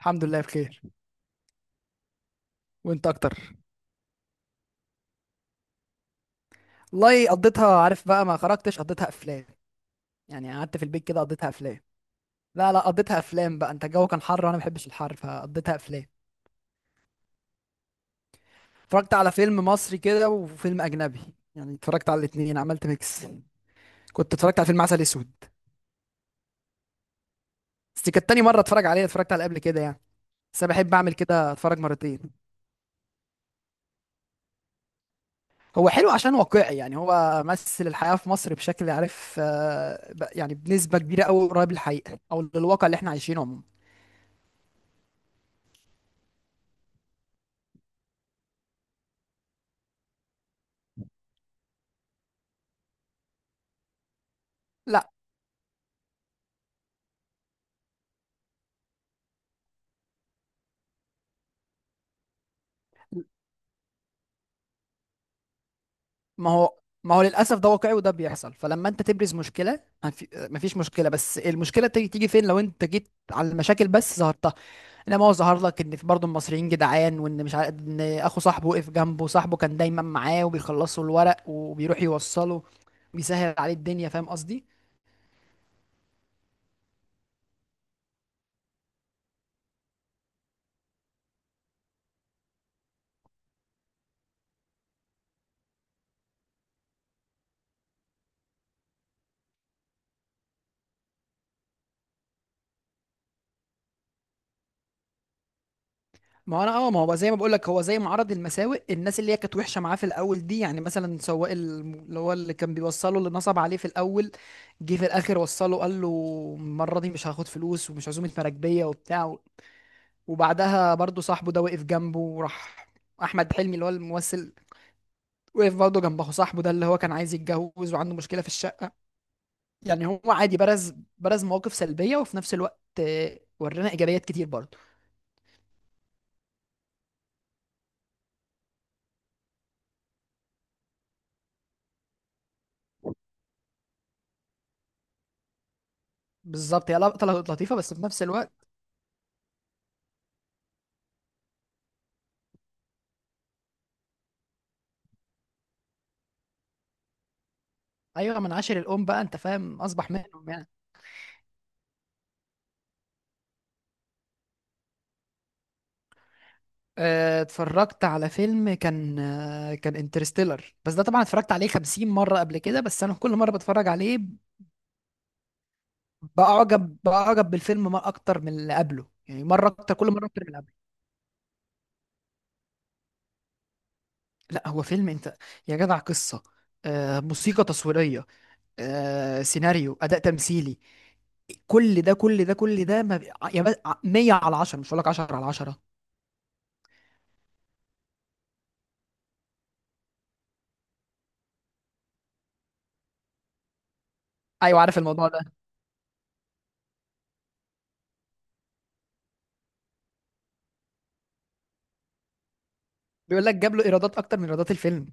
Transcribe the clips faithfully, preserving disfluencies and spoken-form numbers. الحمد لله بخير. وانت اكتر. والله قضيتها، عارف بقى، ما خرجتش، قضيتها افلام. يعني قعدت في البيت كده، قضيتها افلام. لا لا، قضيتها افلام. بقى انت الجو كان حر وانا ما بحبش الحر، فقضيتها افلام. اتفرجت على فيلم مصري كده وفيلم اجنبي. يعني اتفرجت على الاتنين، عملت ميكس. كنت اتفرجت على فيلم عسل اسود. بس دي كانت تاني مره اتفرج عليه، اتفرجت عليه قبل كده يعني. بس انا بحب اعمل كده، اتفرج مرتين. هو حلو عشان واقعي، يعني هو مثل الحياه في مصر بشكل، عارف، آه، ب- يعني بنسبه كبيره قوي، قريب للحقيقه او للواقع اللي احنا عايشينه عموما. لا. ما هو ما هو للاسف ده واقعي وده بيحصل. فلما انت تبرز مشكله، هنف- مفيش مشكله، بس المشكله تيجي تيجي فين؟ لو انت جيت على المشاكل بس ظهرتها. انما هو ظهر لك ان في برضه المصريين جدعان، وان، مش عارف، ان اخو صاحبه وقف جنبه، صاحبه كان دايما معاه وبيخلصوا الورق وبيروح يوصله، بيسهل عليه الدنيا. فاهم قصدي؟ ما انا اه ما هو بقى زي ما بقول لك، هو زي معرض المساوئ. الناس اللي هي كانت وحشه معاه في الاول دي، يعني مثلا سواق الم- اللي هو اللي كان بيوصله، اللي نصب عليه في الاول، جه في الاخر وصله، قال له المره دي مش هاخد فلوس، ومش عزومه مراكبيه وبتاع. وبعدها برضه صاحبه ده وقف جنبه وراح، احمد حلمي اللي هو الممثل، وقف برضه جنب اخو صاحبه ده اللي هو كان عايز يتجوز وعنده مشكله في الشقه. يعني هو عادي، برز برز مواقف سلبيه، وفي نفس الوقت آه، ورينا ايجابيات كتير برضه. بالظبط هي لقطه لطيفه، بس في نفس الوقت، ايوه، من عاشر الام بقى، انت فاهم، اصبح منهم يعني. آه، اتفرجت على فيلم كان، آه، كان انترستيلر، بس ده طبعا اتفرجت عليه خمسين مرة قبل كده، بس انا كل مرة بتفرج عليه بعجب بعجب بالفيلم ما اكتر من اللي قبله، يعني مرة اكتر، كل مرة اكتر من اللي قبله. لا، هو فيلم، انت يا جدع، قصة، آه، موسيقى تصويرية، آه، سيناريو، اداء تمثيلي، كل ده كل ده كل ده ما بي... ع- يا بس ع- مية على عشرة. مش هقول لك عشرة على عشرة. ايوه عارف الموضوع ده. بيقول لك جاب له ايرادات اكتر من ايرادات الفيلم.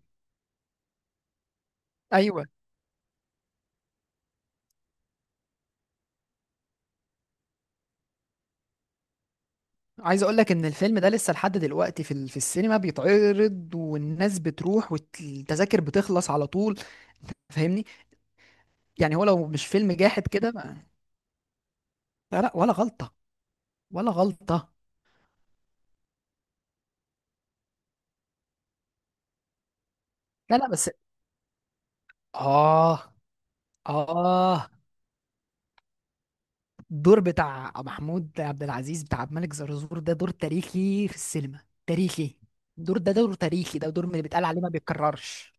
ايوه، عايز اقول لك ان الفيلم ده لسه لحد دلوقتي في ال- في السينما بيتعرض، والناس بتروح والتذاكر بتخلص على طول. فاهمني؟ يعني هو لو مش فيلم جاحد كده ما... لا لا، ولا غلطة، ولا غلطة. لا لا، بس، اه اه، الدور بتاع محمود عبد العزيز، بتاع عبد الملك زرزور، ده دور تاريخي في السينما، تاريخي. الدور ده دور تاريخي، ده دور من اللي بيتقال عليه ما بيتكررش.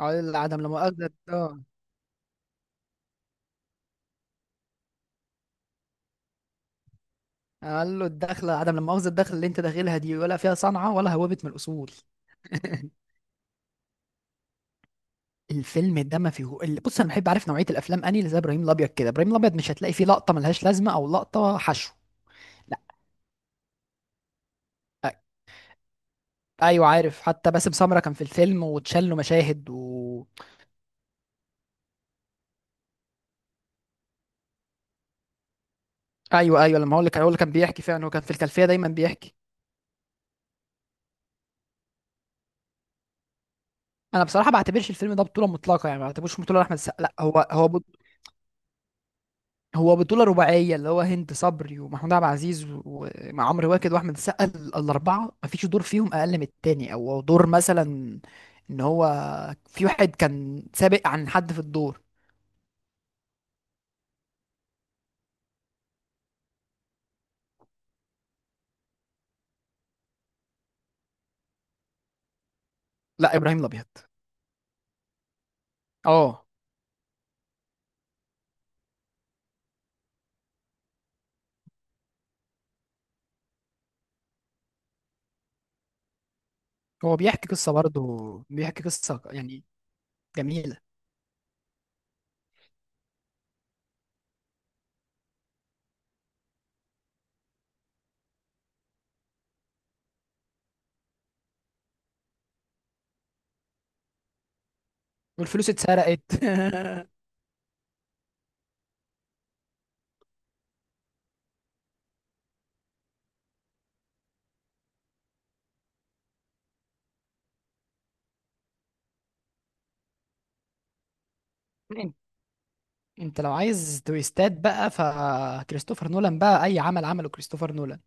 اه، العدم لا مؤاخذة ده. قال له الدخله عدم، لما مؤاخذه الدخله اللي انت داخلها دي، ولا فيها صنعه ولا هوبت من الاصول. الفيلم ده ما فيه ال- بص، انا بحب، عارف، نوعيه الافلام، اني اللي زي ابراهيم الابيض كده. ابراهيم الابيض مش هتلاقي فيه لقطه ملهاش لازمه او لقطه حشو. لا. ايوه عارف، حتى باسم سمره كان في الفيلم واتشال له مشاهد، و... ايوه ايوه، لما هو اللي كان هو اللي كان بيحكي فعلا، هو كان في الخلفيه دايما بيحكي. انا بصراحه ما بعتبرش الفيلم ده بطوله مطلقه يعني، ما بعتبرش بطوله لاحمد السقا، لا هو هو هو بطولة رباعية. اللي هو هند صبري ومحمود عبد العزيز ومع عمرو واكد واحمد السقا، ال- الأربعة مفيش دور فيهم أقل من التاني، أو دور مثلا إن هو في واحد كان سابق عن حد في الدور. لا، إبراهيم الأبيض. اه. هو بيحكي قصة، برضه بيحكي قصة يعني. جميلة. والفلوس اتسرقت. انت، انت لو عايز تويستات بقى، فكريستوفر نولان بقى، اي عمل عمله كريستوفر نولان.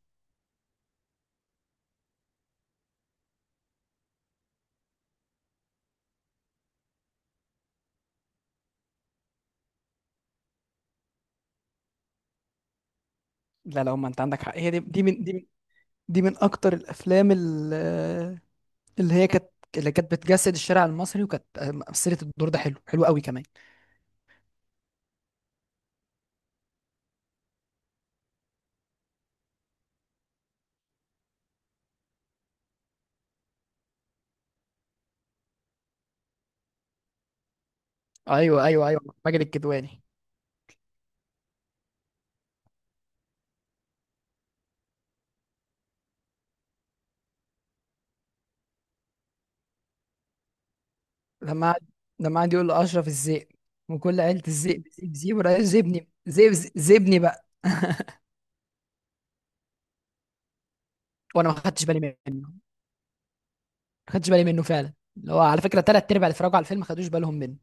لا لا، ما انت عندك حق. هي دي دي من دي من دي من اكتر الافلام، اللي هي كانت اللي كانت بتجسد الشارع المصري، وكانت مثلت الدور ده حلو، حلو قوي كمان. ايوه ايوه ايوه، ماجد الكدواني. لما قعد لما قعد يقول لاشرف الذئب وكل عيله الذئب، ذئب ذئب ولا ذئبني ذئب، ذئبني بقى. وانا ما خدتش بالي منه، ما خدتش بالي منه فعلا. اللي هو على فكره، ثلاث ارباع اللي اتفرجوا على الفيلم ما خدوش بالهم منه.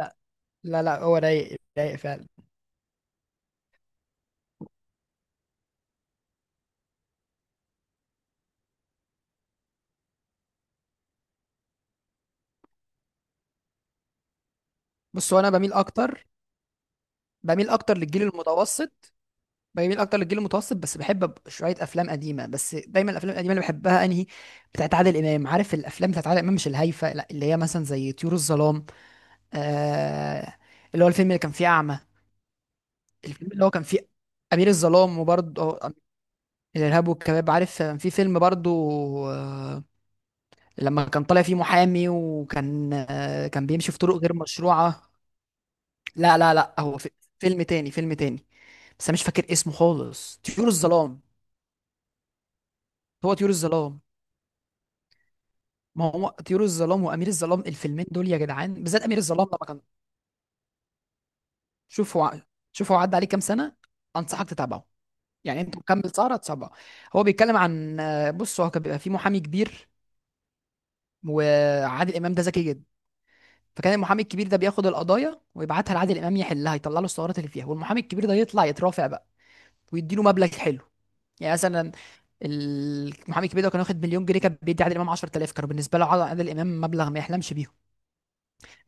لا لا لا، هو رايق، رايق فعلا. بص، هو انا بميل اكتر بميل اكتر للجيل المتوسط. بميل اكتر للجيل المتوسط، بس بحب أب- شويه افلام قديمه. بس دايما الافلام القديمه اللي بحبها انهي؟ بتاعت عادل امام. عارف الافلام بتاعت عادل امام، مش الهايفه، لا اللي هي مثلا زي طيور الظلام، آه اللي هو الفيلم اللي كان فيه اعمى. الفيلم اللي هو كان فيه امير الظلام. وبرضه الارهاب والكباب. عارف كان في فيلم برضه، آه لما كان طالع فيه محامي، وكان، آه كان بيمشي في طرق غير مشروعه. لا لا لا، هو في فيلم تاني، فيلم تاني، بس انا مش فاكر اسمه خالص. طيور الظلام. هو طيور الظلام، ما هو طيور الظلام وامير الظلام الفيلمين دول يا جدعان، بالذات امير الظلام. لما كان، شوف هو شوف هو عدى عليه كام سنه. انصحك تتابعه، يعني انت مكمل سهره تتابعه. هو بيتكلم عن، بص، هو كان بيبقى فيه محامي كبير، وعادل امام ده ذكي جدا. فكان المحامي الكبير ده بياخد القضايا ويبعتها لعادل امام يحلها، يطلع له الثغرات اللي فيها، والمحامي الكبير ده يطلع يترافع بقى، ويديله مبلغ حلو. يعني مثلا المحامي الكبير ده كان واخد مليون جنيه، كان بيدي عادل امام عشرة آلاف، كانوا بالنسبه له، عادل امام، مبلغ ما يحلمش بيه.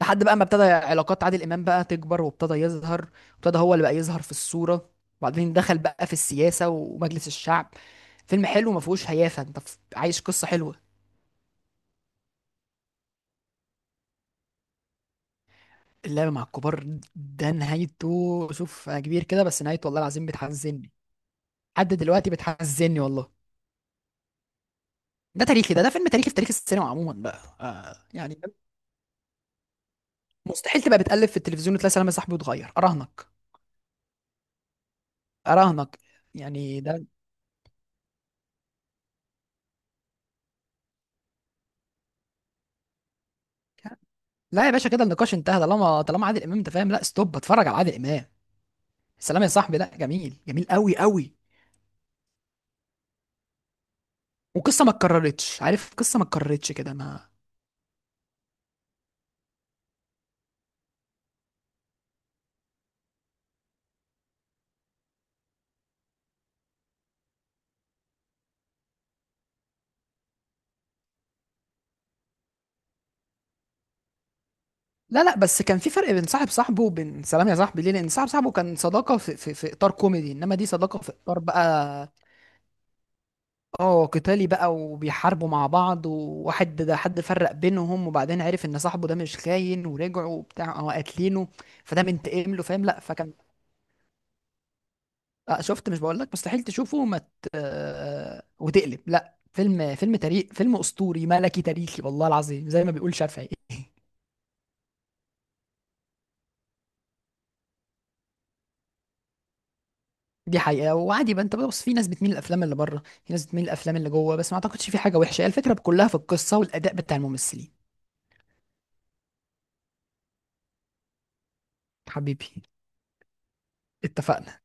لحد بقى ما ابتدى علاقات عادل امام بقى تكبر، وابتدى يظهر، وابتدى هو اللي بقى يظهر في الصوره. وبعدين دخل بقى في السياسه ومجلس الشعب. فيلم حلو ما فيهوش هيافه، انت ف- عايش قصه حلوه. اللعب مع الكبار ده نهايته، شوف انا كبير كده، بس نهايته والله العظيم بتحزني. لحد دلوقتي بتحزني والله. ده تاريخي، ده ده فيلم تاريخي في تاريخ السينما عموما بقى، آه يعني. مستحيل تبقى بتقلب في التلفزيون وتلاقي سلام يا صاحبي وتغير، اراهنك، اراهنك. يعني ده، لا يا باشا، كده النقاش انتهى. طالما طالما عادل امام، انت فاهم، لا ستوب، اتفرج على عادل امام. سلام يا صاحبي، لا جميل، جميل قوي قوي. وقصه ما اتكررتش، عارف، قصه ما اتكررتش كده ما لا لا، بس كان في فرق بين صاحب صاحبه وبين سلام يا صاحبي، ليه؟ لان صاحب صاحبه كان صداقه في, في, في اطار كوميدي، انما دي صداقه في اطار بقى، اه، قتالي بقى، وبيحاربوا مع بعض، وواحد ده حد فرق بينهم، وبعدين عرف ان صاحبه ده مش خاين ورجعوا وبتاع، اه، قاتلينه. فده منتقم له، فاهم؟ لا فكان، آه شفت، مش بقول لك مستحيل تشوفه، وما ت- آه، وتقلب؟ لا فيلم، فيلم تاريخ، فيلم اسطوري ملكي تاريخي، والله العظيم، زي ما بيقول شافعي. دي حقيقه، وعادي بقى. انت بص، في ناس بتميل الافلام اللي بره، في ناس بتميل الافلام اللي جوه، بس ما اعتقدش في حاجه وحشه. هي الفكره كلها في القصه والاداء بتاع الممثلين. حبيبي، اتفقنا.